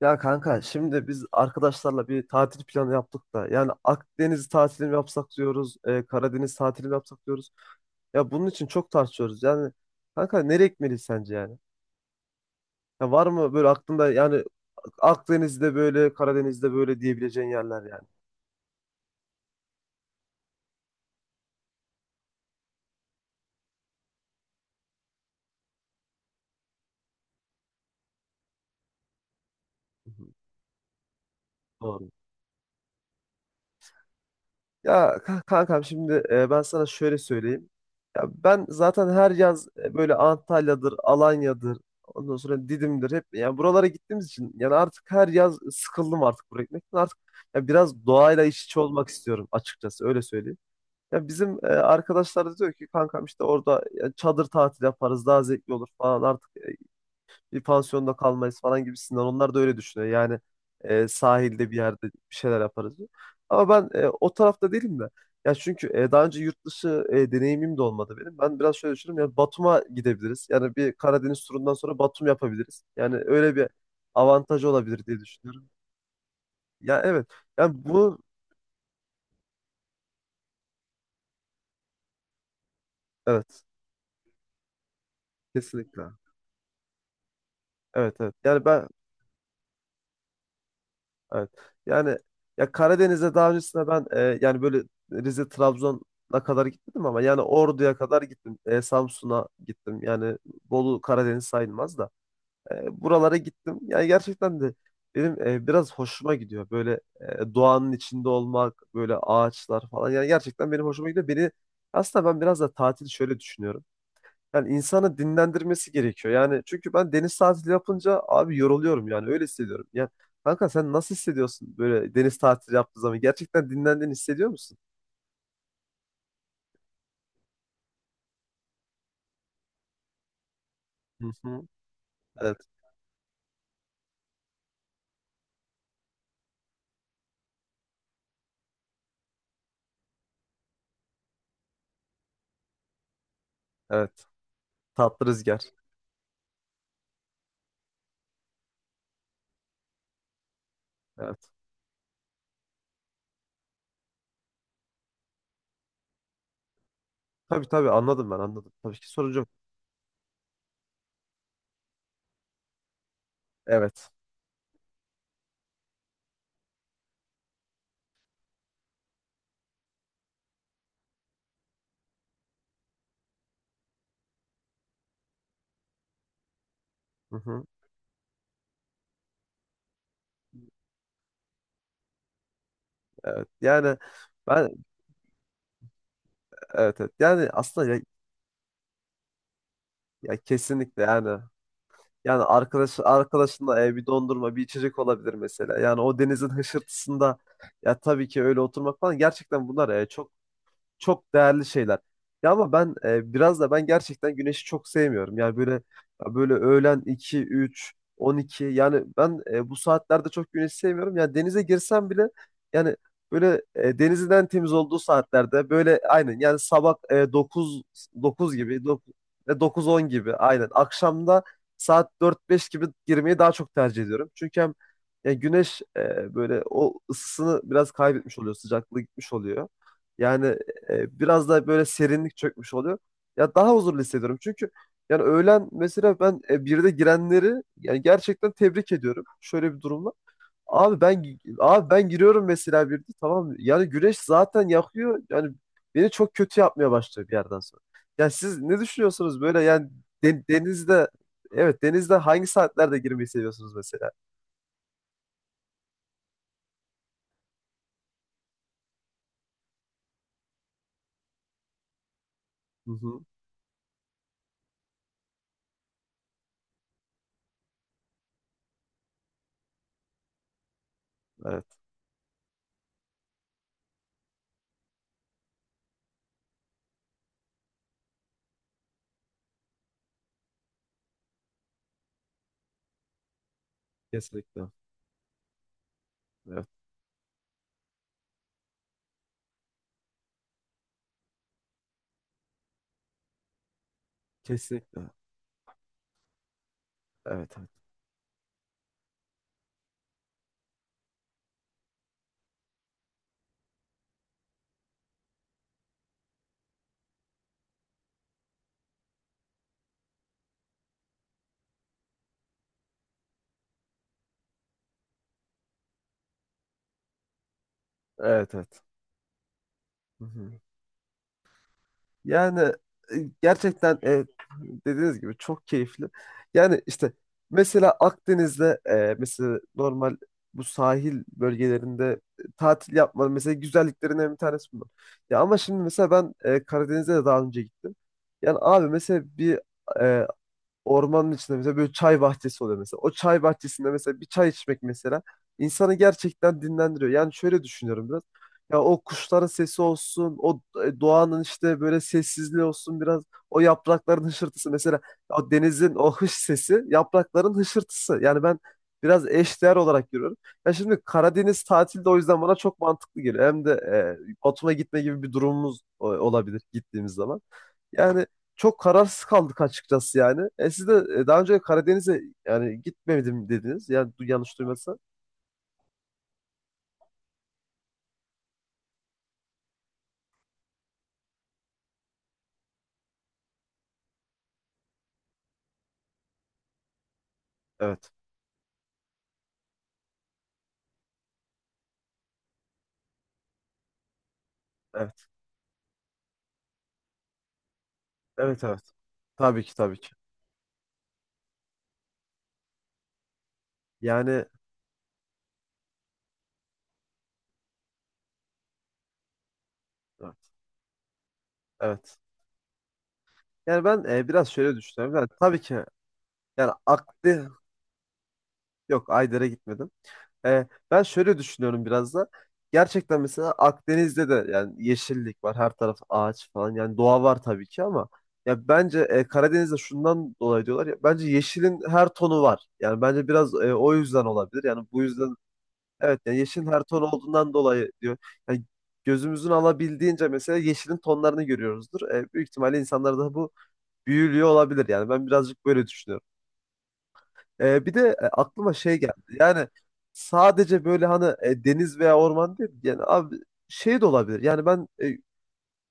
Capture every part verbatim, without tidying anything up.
Ya kanka şimdi biz arkadaşlarla bir tatil planı yaptık da yani Akdeniz tatili mi yapsak diyoruz, e, Karadeniz tatili mi yapsak diyoruz. Ya bunun için çok tartışıyoruz. Yani kanka nereye gitmeliyiz sence yani? Ya var mı böyle aklında yani Akdeniz'de böyle, Karadeniz'de böyle diyebileceğin yerler yani? Doğru. Ya ka- kankam şimdi e, ben sana şöyle söyleyeyim. Ya ben zaten her yaz e, böyle Antalya'dır, Alanya'dır, ondan sonra Didim'dir hep yani buralara gittiğimiz için yani artık her yaz sıkıldım artık buraya gitmekten. Artık ya biraz doğayla iç içe olmak istiyorum açıkçası öyle söyleyeyim. Ya bizim e, arkadaşlar da diyor ki kankam işte orada ya, çadır tatil yaparız daha zevkli olur falan artık e, bir pansiyonda kalmayız falan gibisinden. Onlar da öyle düşünüyor. Yani e, sahilde bir yerde bir şeyler yaparız diyor. Ama ben e, o tarafta değilim de. Ya çünkü e, daha önce yurt dışı e, deneyimim de olmadı benim. Ben biraz şöyle düşünüyorum. Ya Batum'a gidebiliriz. Yani bir Karadeniz turundan sonra Batum yapabiliriz. Yani öyle bir avantajı olabilir diye düşünüyorum. Ya evet. Yani bu, evet, kesinlikle. Evet, evet. Yani ben evet. Yani ya Karadeniz'e daha öncesinde ben e, yani böyle Rize Trabzon'a kadar gitmedim ama yani Ordu'ya kadar gittim. E, Samsun'a gittim. Yani Bolu Karadeniz sayılmaz da. E, buralara gittim. Yani gerçekten de benim e, biraz hoşuma gidiyor. Böyle e, doğanın içinde olmak, böyle ağaçlar falan. Yani gerçekten benim hoşuma gidiyor. Beni aslında ben biraz da tatil şöyle düşünüyorum. Yani insanı dinlendirmesi gerekiyor. Yani çünkü ben deniz tatili yapınca abi yoruluyorum yani öyle hissediyorum. Yani kanka sen nasıl hissediyorsun böyle deniz tatili yaptığın zaman? Gerçekten dinlendiğini hissediyor musun? Hı hı. Evet, evet. Tatlı rüzgar. Evet. Tabii tabii, anladım, ben anladım. Tabii ki sorun yok. Evet. Hı hı. Evet. Yani ben evet, evet. Yani aslında ya, ya kesinlikle yani. Yani arkadaş arkadaşınla e, bir dondurma, bir içecek olabilir mesela. Yani o denizin hışırtısında ya tabii ki öyle oturmak falan, gerçekten bunlar e, çok çok değerli şeyler. Ya ama ben e, biraz da ben gerçekten güneşi çok sevmiyorum. Yani böyle ya böyle öğlen iki üç on iki. Yani ben e, bu saatlerde çok güneşi sevmiyorum. Yani denize girsem bile yani böyle e, denizden temiz olduğu saatlerde böyle aynen yani sabah e, dokuz 9 gibi, dokuz on gibi, aynen akşamda saat dört beş gibi girmeyi daha çok tercih ediyorum. Çünkü hem ya güneş e, böyle o ısısını biraz kaybetmiş oluyor, sıcaklığı gitmiş oluyor. Yani e, biraz da böyle serinlik çökmüş oluyor. Ya daha huzurlu hissediyorum. Çünkü yani öğlen mesela ben e, birde girenleri yani gerçekten tebrik ediyorum. Şöyle bir durumla. Abi ben abi ben giriyorum mesela birde, tamam mı? Yani güneş zaten yakıyor. Yani beni çok kötü yapmaya başlıyor bir yerden sonra. Ya siz ne düşünüyorsunuz böyle yani de- denizde, evet, denizde hangi saatlerde girmeyi seviyorsunuz mesela? Hı hı. Evet. Kesinlikle. Evet. Kesinlikle. Evet, evet. Evet, evet. Hı hı. Yani e, gerçekten e, dediğiniz gibi çok keyifli. Yani işte mesela Akdeniz'de e, mesela normal bu sahil bölgelerinde e, tatil yapmanın mesela güzelliklerinden bir tanesi bunlar. Ya ama şimdi mesela ben e, Karadeniz'e de daha önce gittim. Yani abi mesela bir e, ormanın içinde mesela böyle çay bahçesi oluyor mesela. O çay bahçesinde mesela bir çay içmek mesela insanı gerçekten dinlendiriyor. Yani şöyle düşünüyorum biraz. Ya o kuşların sesi olsun, o e, doğanın işte böyle sessizliği olsun, biraz o yaprakların hışırtısı mesela, o denizin o hış sesi, yaprakların hışırtısı. Yani ben biraz eşdeğer olarak görüyorum. Ya şimdi Karadeniz tatili de o yüzden bana çok mantıklı geliyor. Hem de e, Batum'a gitme gibi bir durumumuz e, olabilir gittiğimiz zaman. Yani çok kararsız kaldık açıkçası yani. E siz de e, daha önce Karadeniz'e yani gitmedim dediniz. Yani du- yanlış duymasam. Evet. Evet. Evet, evet. Tabii ki, tabii ki. Yani evet. Evet. Yani ben e, biraz şöyle düşünüyorum. Yani tabii ki yani aklı yok, Ayder'e gitmedim. E, ben şöyle düşünüyorum biraz da. Gerçekten mesela Akdeniz'de de yani yeşillik var, her taraf ağaç falan. Yani doğa var tabii ki ama ya bence e, Karadeniz'de şundan dolayı diyorlar, ya bence yeşilin her tonu var. Yani bence biraz e, o yüzden olabilir. Yani bu yüzden, evet, yani yeşilin her tonu olduğundan dolayı diyor. Yani gözümüzün alabildiğince mesela yeşilin tonlarını görüyoruzdur. E, büyük ihtimalle insanlar da bu büyülüyor olabilir. Yani ben birazcık böyle düşünüyorum. Ee, bir de e, aklıma şey geldi. Yani sadece böyle hani e, deniz veya orman değil. Yani abi şey de olabilir. Yani ben e,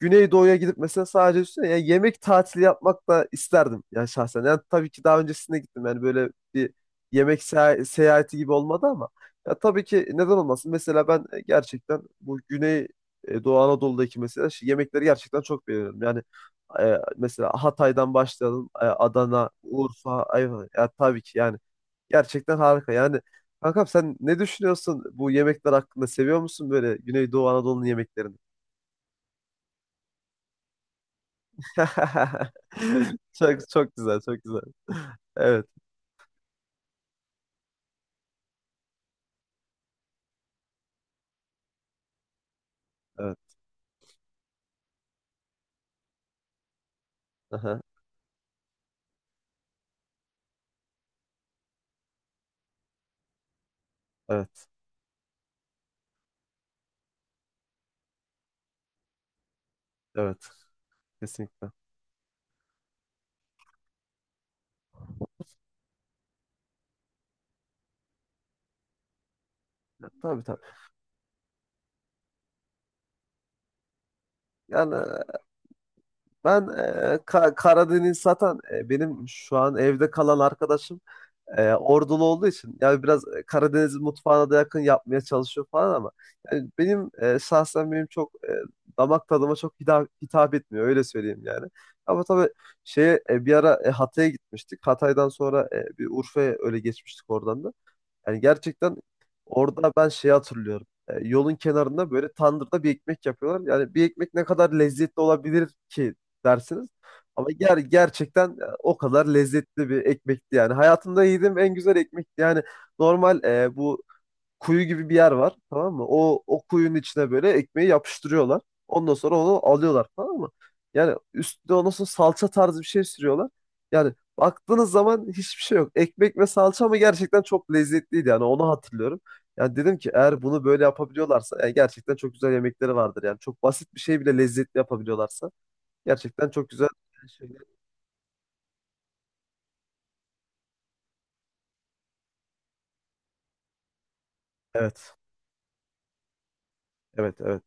Güneydoğu'ya gidip mesela sadece üstüne ya yemek tatili yapmak da isterdim yani şahsen. Yani tabii ki daha öncesinde gittim yani böyle bir yemek seya- seyahati gibi olmadı ama ya tabii ki neden olmasın? Mesela ben e, gerçekten bu Güney e, Doğu Anadolu'daki mesela şu yemekleri gerçekten çok beğeniyorum. Yani e, mesela Hatay'dan başlayalım, e, Adana, Urfa, Ayvan. Ya tabii ki yani gerçekten harika. Yani kankam sen ne düşünüyorsun bu yemekler hakkında? Seviyor musun böyle Güneydoğu Anadolu'nun yemeklerini? Çok çok güzel, çok güzel. Evet, evet. Aha, evet, evet. Kesinlikle. Tabii, tabii. Yani e, ben e, Ka- Karadeniz zaten e, benim şu an evde kalan arkadaşım e, Ordulu olduğu için yani biraz e, Karadeniz mutfağına da yakın yapmaya çalışıyor falan ama yani benim e, şahsen benim çok e, damak tadıma çok hitap, hitap etmiyor öyle söyleyeyim yani. Ama tabii şeye e, bir ara e, Hatay'a gitmiştik. Hatay'dan sonra e, bir Urfa'ya öyle geçmiştik oradan da. Yani gerçekten orada ben şey hatırlıyorum. E, yolun kenarında böyle tandırda bir ekmek yapıyorlar. Yani bir ekmek ne kadar lezzetli olabilir ki dersiniz. Ama ger gerçekten e, o kadar lezzetli bir ekmekti yani. Hayatımda yediğim en güzel ekmekti. Yani normal e, bu kuyu gibi bir yer var, tamam mı? O o kuyunun içine böyle ekmeği yapıştırıyorlar. Ondan sonra onu alıyorlar, tamam mı? Yani üstüne ondan sonra salça tarzı bir şey sürüyorlar. Yani baktığınız zaman hiçbir şey yok. Ekmek ve salça ama gerçekten çok lezzetliydi yani, onu hatırlıyorum. Yani dedim ki eğer bunu böyle yapabiliyorlarsa yani gerçekten çok güzel yemekleri vardır. Yani çok basit bir şey bile lezzetli yapabiliyorlarsa gerçekten çok güzel şeyler. Evet. Evet, evet,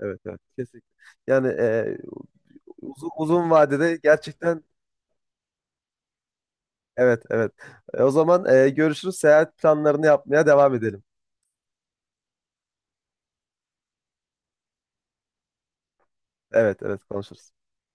evet, evet. Kesinlikle. Yani e, uzun, uzun vadede gerçekten evet, evet. E, o zaman e, görüşürüz. Seyahat planlarını yapmaya devam edelim. Evet, evet, konuşuruz.